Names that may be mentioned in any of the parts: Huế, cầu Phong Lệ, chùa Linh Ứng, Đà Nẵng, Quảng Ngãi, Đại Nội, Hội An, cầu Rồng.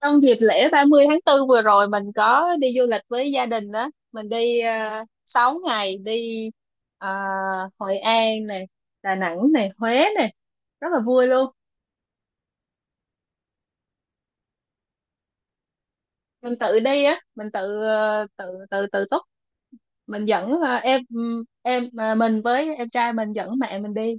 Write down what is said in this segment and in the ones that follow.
Trong dịp lễ 30 tháng 4 vừa rồi mình có đi du lịch với gia đình đó. Mình đi 6 ngày đi ờ, Hội An này, Đà Nẵng này, Huế này. Rất là vui luôn. Mình tự đi á, mình tự túc. Mình dẫn ờ, em mà mình với em trai mình dẫn mẹ mình đi.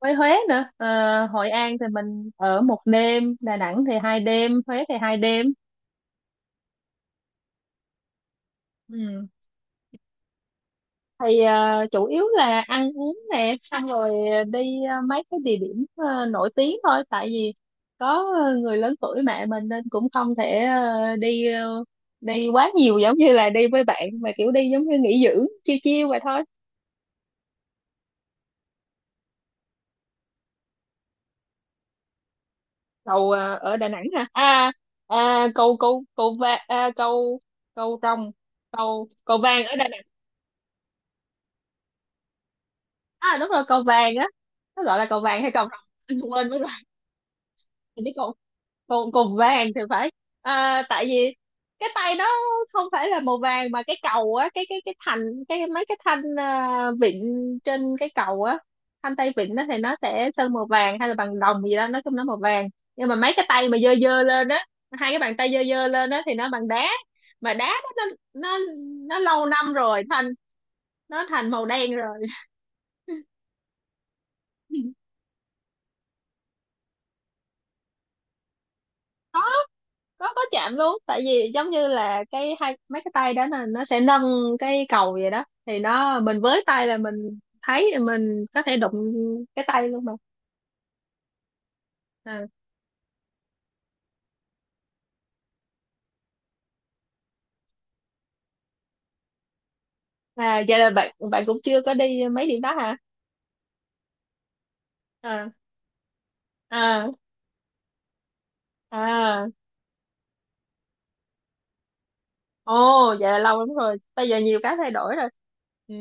Với Huế nữa, Hội An thì mình ở một đêm, Đà Nẵng thì hai đêm, Huế thì hai đêm. Ừ. Chủ yếu là ăn uống nè, xong rồi đi mấy cái địa điểm nổi tiếng thôi, tại vì có người lớn tuổi mẹ mình nên cũng không thể đi quá nhiều, giống như là đi với bạn mà kiểu đi giống như nghỉ dưỡng chiêu chiêu vậy thôi. Cầu ở Đà Nẵng hả? À, à cầu cầu cầu va à, cầu Cầu rồng? Cầu cầu vàng ở Đà Nẵng? À đúng rồi, cầu vàng á. Nó gọi là cầu vàng hay cầu rồng? Quên mất rồi. Mình biết cầu cùng cùng vàng thì phải. À, tại vì cái tay nó không phải là màu vàng, mà cái cầu á, cái thành, cái mấy cái thanh vịn trên cái cầu á, thanh tay vịn đó thì nó sẽ sơn màu vàng hay là bằng đồng gì đó, nói chung nó màu vàng. Nhưng mà mấy cái tay mà dơ dơ lên á, hai cái bàn tay dơ dơ lên á thì nó bằng đá, mà đá đó nó nó nó lâu năm rồi thành, nó thành màu đen rồi. Có chạm luôn, tại vì giống như là cái hai mấy cái tay đó là nó sẽ nâng cái cầu vậy đó, thì nó mình với tay là mình thấy thì mình có thể đụng cái tay luôn mà. À. À, vậy là bạn bạn cũng chưa có đi mấy điểm đó hả? À. À. À. Ồ, vậy là lâu lắm rồi. Bây giờ nhiều cái thay đổi rồi. Ừ.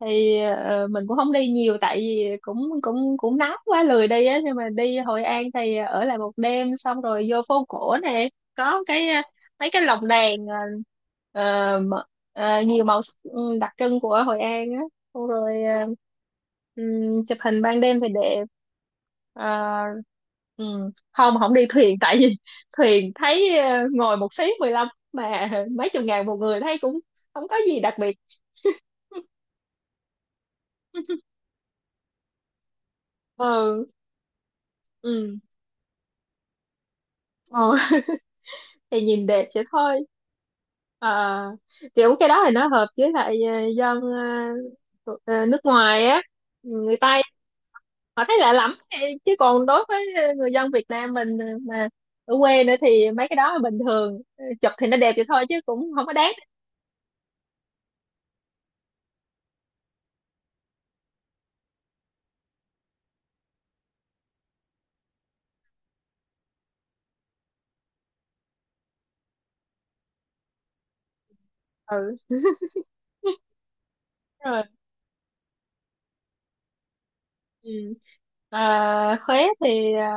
Thì mình cũng không đi nhiều tại vì cũng cũng cũng nóng quá lười đi á, nhưng mà đi Hội An thì ở lại một đêm, xong rồi vô phố cổ nè, có cái mấy cái lồng đèn, ờ, mà- nhiều màu sắc, ừ, đặc trưng của Hội An á, xong rồi, chụp hình ban đêm thì đẹp. Ờ, không không đi thuyền, tại vì thuyền thấy ngồi một xí 15 mà mấy chục ngàn một người thấy cũng không có gì đặc biệt. Ừ, ừ. Ờ. Thì nhìn đẹp vậy thôi. À, kiểu cái đó thì nó hợp với lại dân ờ, nước ngoài á, người Tây, họ thấy lạ lắm thì- chứ còn đối với người dân Việt Nam mình, mà ở quê nữa thì mấy cái đó là bình thường. Ừ, chụp thì nó đẹp vậy thôi chứ cũng không có đáng. Ừ đúng rồi. Ừ. À, Huế thì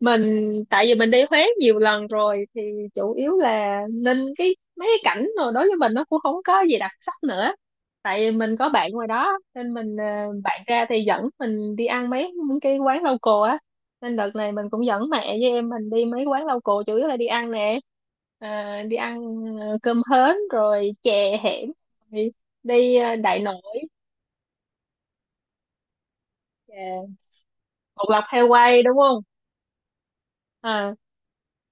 mình, tại vì mình đi Huế nhiều lần rồi thì chủ yếu là nên cái mấy cái cảnh rồi đối với mình nó cũng không có gì đặc sắc nữa, tại vì mình có bạn ngoài đó nên mình, bạn ra thì dẫn mình đi ăn mấy cái quán local á, nên đợt này mình cũng dẫn mẹ với em mình đi mấy quán local, chủ yếu là đi ăn nè. Ờ, đi ăn cơm hến rồi chè hẻm, rồi đi Đại Nội. Chè bột lọc heo quay đúng không? À,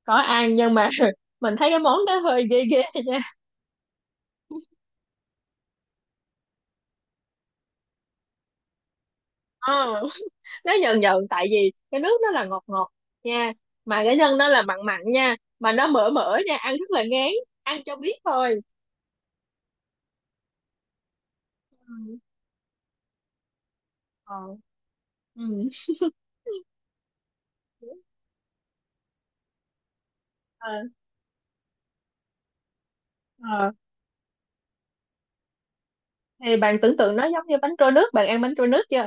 có ăn, nhưng mà mình thấy cái món đó hơi ghê ghê nha. Ờ. Nó nhờn nhờn, tại vì cái nước nó là ngọt ngọt nha, mà cái nhân nó là mặn mặn nha, mà nó mỡ mỡ nha, ăn rất là ngán. Ăn cho biết thôi. Ừ. Ờ. Ừ. Ờ. Ờ. Thì bạn tưởng tượng nó giống như bánh trôi nước, bạn ăn bánh trôi nước chưa?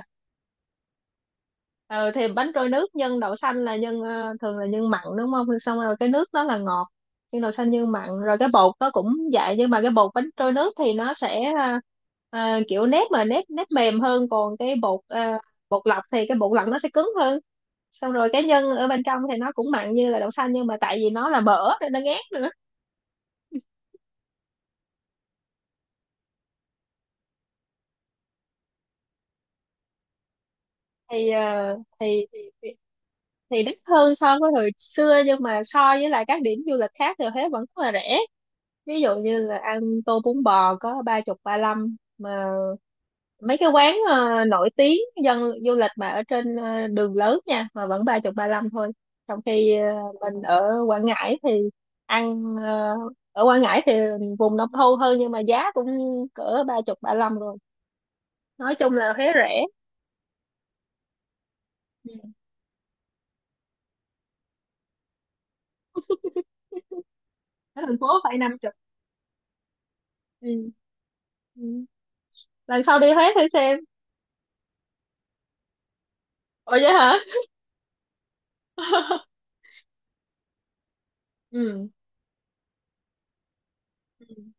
Ừ, thì bánh trôi nước nhân đậu xanh là nhân, thường là nhân mặn đúng không? Rồi xong rồi cái nước đó là ngọt, nhân đậu xanh nhân mặn rồi cái bột nó cũng vậy, nhưng mà cái bột bánh trôi nước thì nó sẽ, kiểu nếp, mà nếp nếp mềm hơn, còn cái bột, bột lọc thì cái bột lọc nó sẽ cứng hơn, xong rồi cái nhân ở bên trong thì nó cũng mặn như là đậu xanh, nhưng mà tại vì nó là mỡ nên nó ngát nữa. Thì thì đắt hơn so với hồi xưa, nhưng mà so với lại các điểm du lịch khác thì Huế vẫn rất là rẻ, ví dụ như là ăn tô bún bò có ba chục ba lăm mà, mấy cái quán nổi tiếng, dân du lịch, mà ở trên đường lớn nha, mà vẫn ba chục ba lăm thôi, trong khi mình ở Quảng Ngãi thì ăn, ở Quảng Ngãi thì vùng nông thôn hơn, nhưng mà giá cũng cỡ ba chục ba lăm rồi. Nói chung là Huế rẻ. Ừ. Ở thành phố phải năm. Ừ. Ừ. Lần sau đi Huế thử xem. Ủa vậy hả? Ừ. Ừ.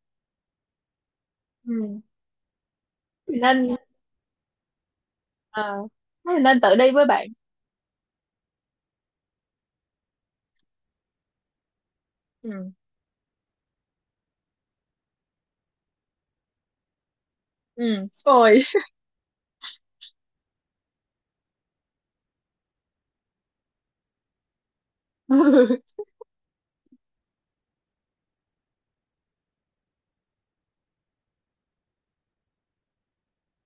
Ừ. Thì nên, ờ, thế thì nên tự đi với bạn. Ừ. Ừ. Ôi.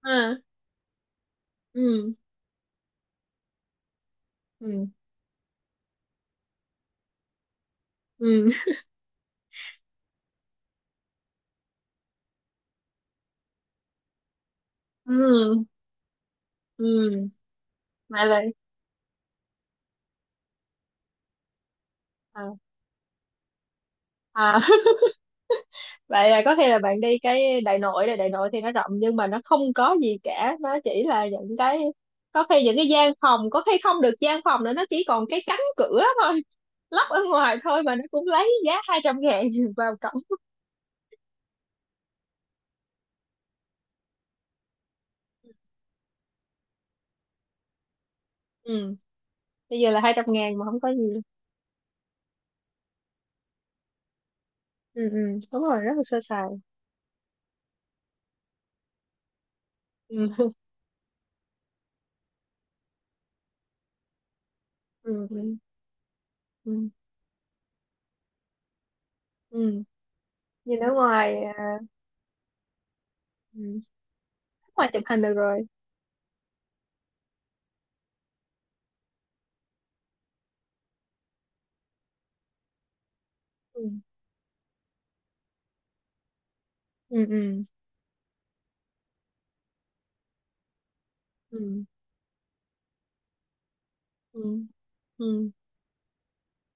Ừ, ừ. Ừ. Ừ. Ừ. Ừ. Mà là, à. À. Vậy là có thể là bạn đi cái đại nội này, đại nội thì nó rộng nhưng mà nó không có gì cả, nó chỉ là những cái, có khi những cái gian phòng có khi không được gian phòng nữa, nó chỉ còn cái cánh cửa thôi, lắp ở ngoài thôi, mà nó cũng lấy giá 200.000 vào cổng. Ừ. Bây giờ là 200.000 mà không có gì. Ừ, ừ, đúng rồi, rất là sơ sài. Ừ. Ừ. Ừ. Ừ. Ừ. Nhìn ở ngoài à. Ừ. Ngoài chụp hình được rồi. Ừ. Ừ. Ừ. Ừ. Ừ. Ừ.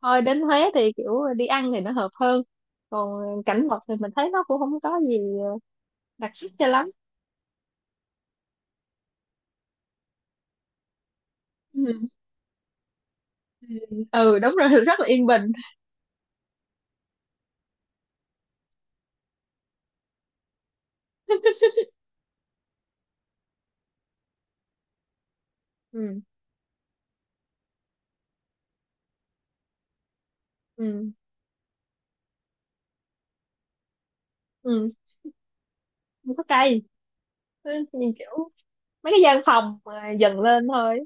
Thôi, đến Huế thì kiểu đi ăn thì nó hợp hơn, còn cảnh vật thì mình thấy nó cũng không có gì đặc sắc cho lắm. Ừ. Ừ. Ừ đúng rồi rất là yên bình. Ừ. Ừ. Ừ. Không có cây. Ừ, nhìn kiểu mấy cái gian phòng mà dần lên thôi.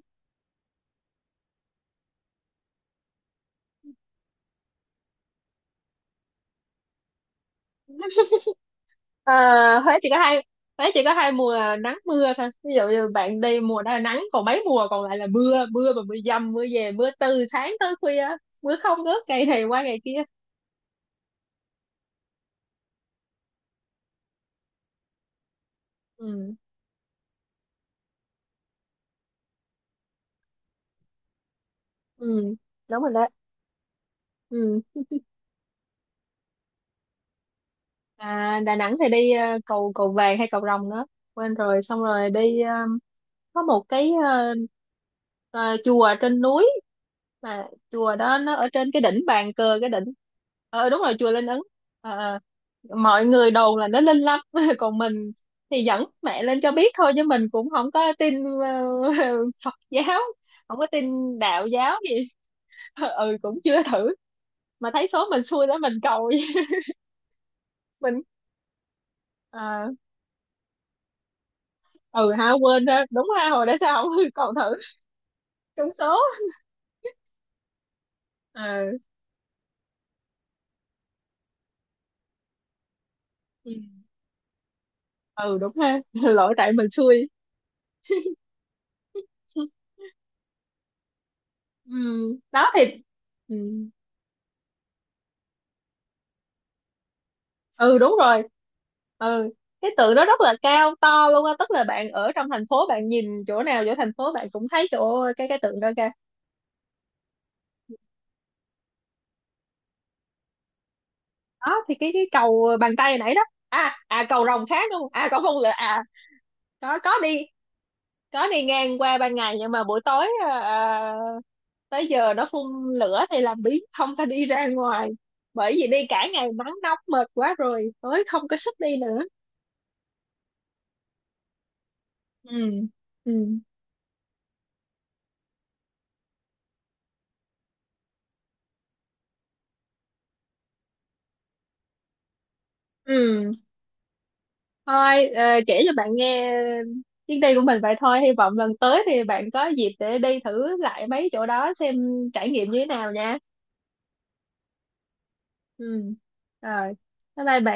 À, Huế chỉ có hai Huế chỉ có hai mùa nắng mưa thôi, ví dụ như bạn đi mùa đó là nắng, còn mấy mùa còn lại là mưa, mưa mà mưa dầm mưa về mưa từ sáng tới khuya, mưa không ngớt ngày này qua ngày kia. Ừ. Ừ. Đúng rồi đó. Ừ. À, Đà Nẵng thì đi ờ, cầu cầu vàng hay cầu rồng nữa, quên rồi, xong rồi đi, có một cái, chùa ở trên núi, mà chùa đó nó ở trên cái đỉnh bàn cờ, cái đỉnh. Ờ đúng rồi, chùa Linh Ứng. Ờ, ờ. Mọi người đồn là nó linh lắm còn mình thì dẫn mẹ lên cho biết thôi, chứ mình cũng không có tin, Phật giáo, không có tin đạo giáo gì. Ừ, cũng chưa thử. Mà thấy số mình xui đó, mình cầu mình, ờ, ừ ha quên ha, đúng ha, hồi đó sao không còn thử trúng số. Ừ. Ừ. Ừ đúng ha, lỗi tại mình xui. Ừ. Đó thì. Ừ. Ừ đúng rồi. Ừ. Cái tượng đó rất là cao to luôn á, tức là bạn ở trong thành phố bạn nhìn chỗ nào chỗ thành phố bạn cũng thấy chỗ cái tượng đó kìa. Đó thì cái cầu bàn tay nãy đó. À, cầu Rồng khác đúng không? À, cầu Phong Lệ? À có đi. Có đi ngang qua ban ngày, nhưng mà buổi tối, tới giờ nó phun lửa thì làm biếng không có đi ra ngoài, bởi vì đi cả ngày nắng nóng mệt quá rồi, tối không có sức đi nữa. Ừ. Ừ. Ừ. Thôi, kể cho bạn nghe chuyến đi của mình vậy thôi, hy vọng lần tới thì bạn có dịp để đi thử lại mấy chỗ đó xem trải nghiệm như thế nào nha. Ừ. Rồi. Bye bye bạn.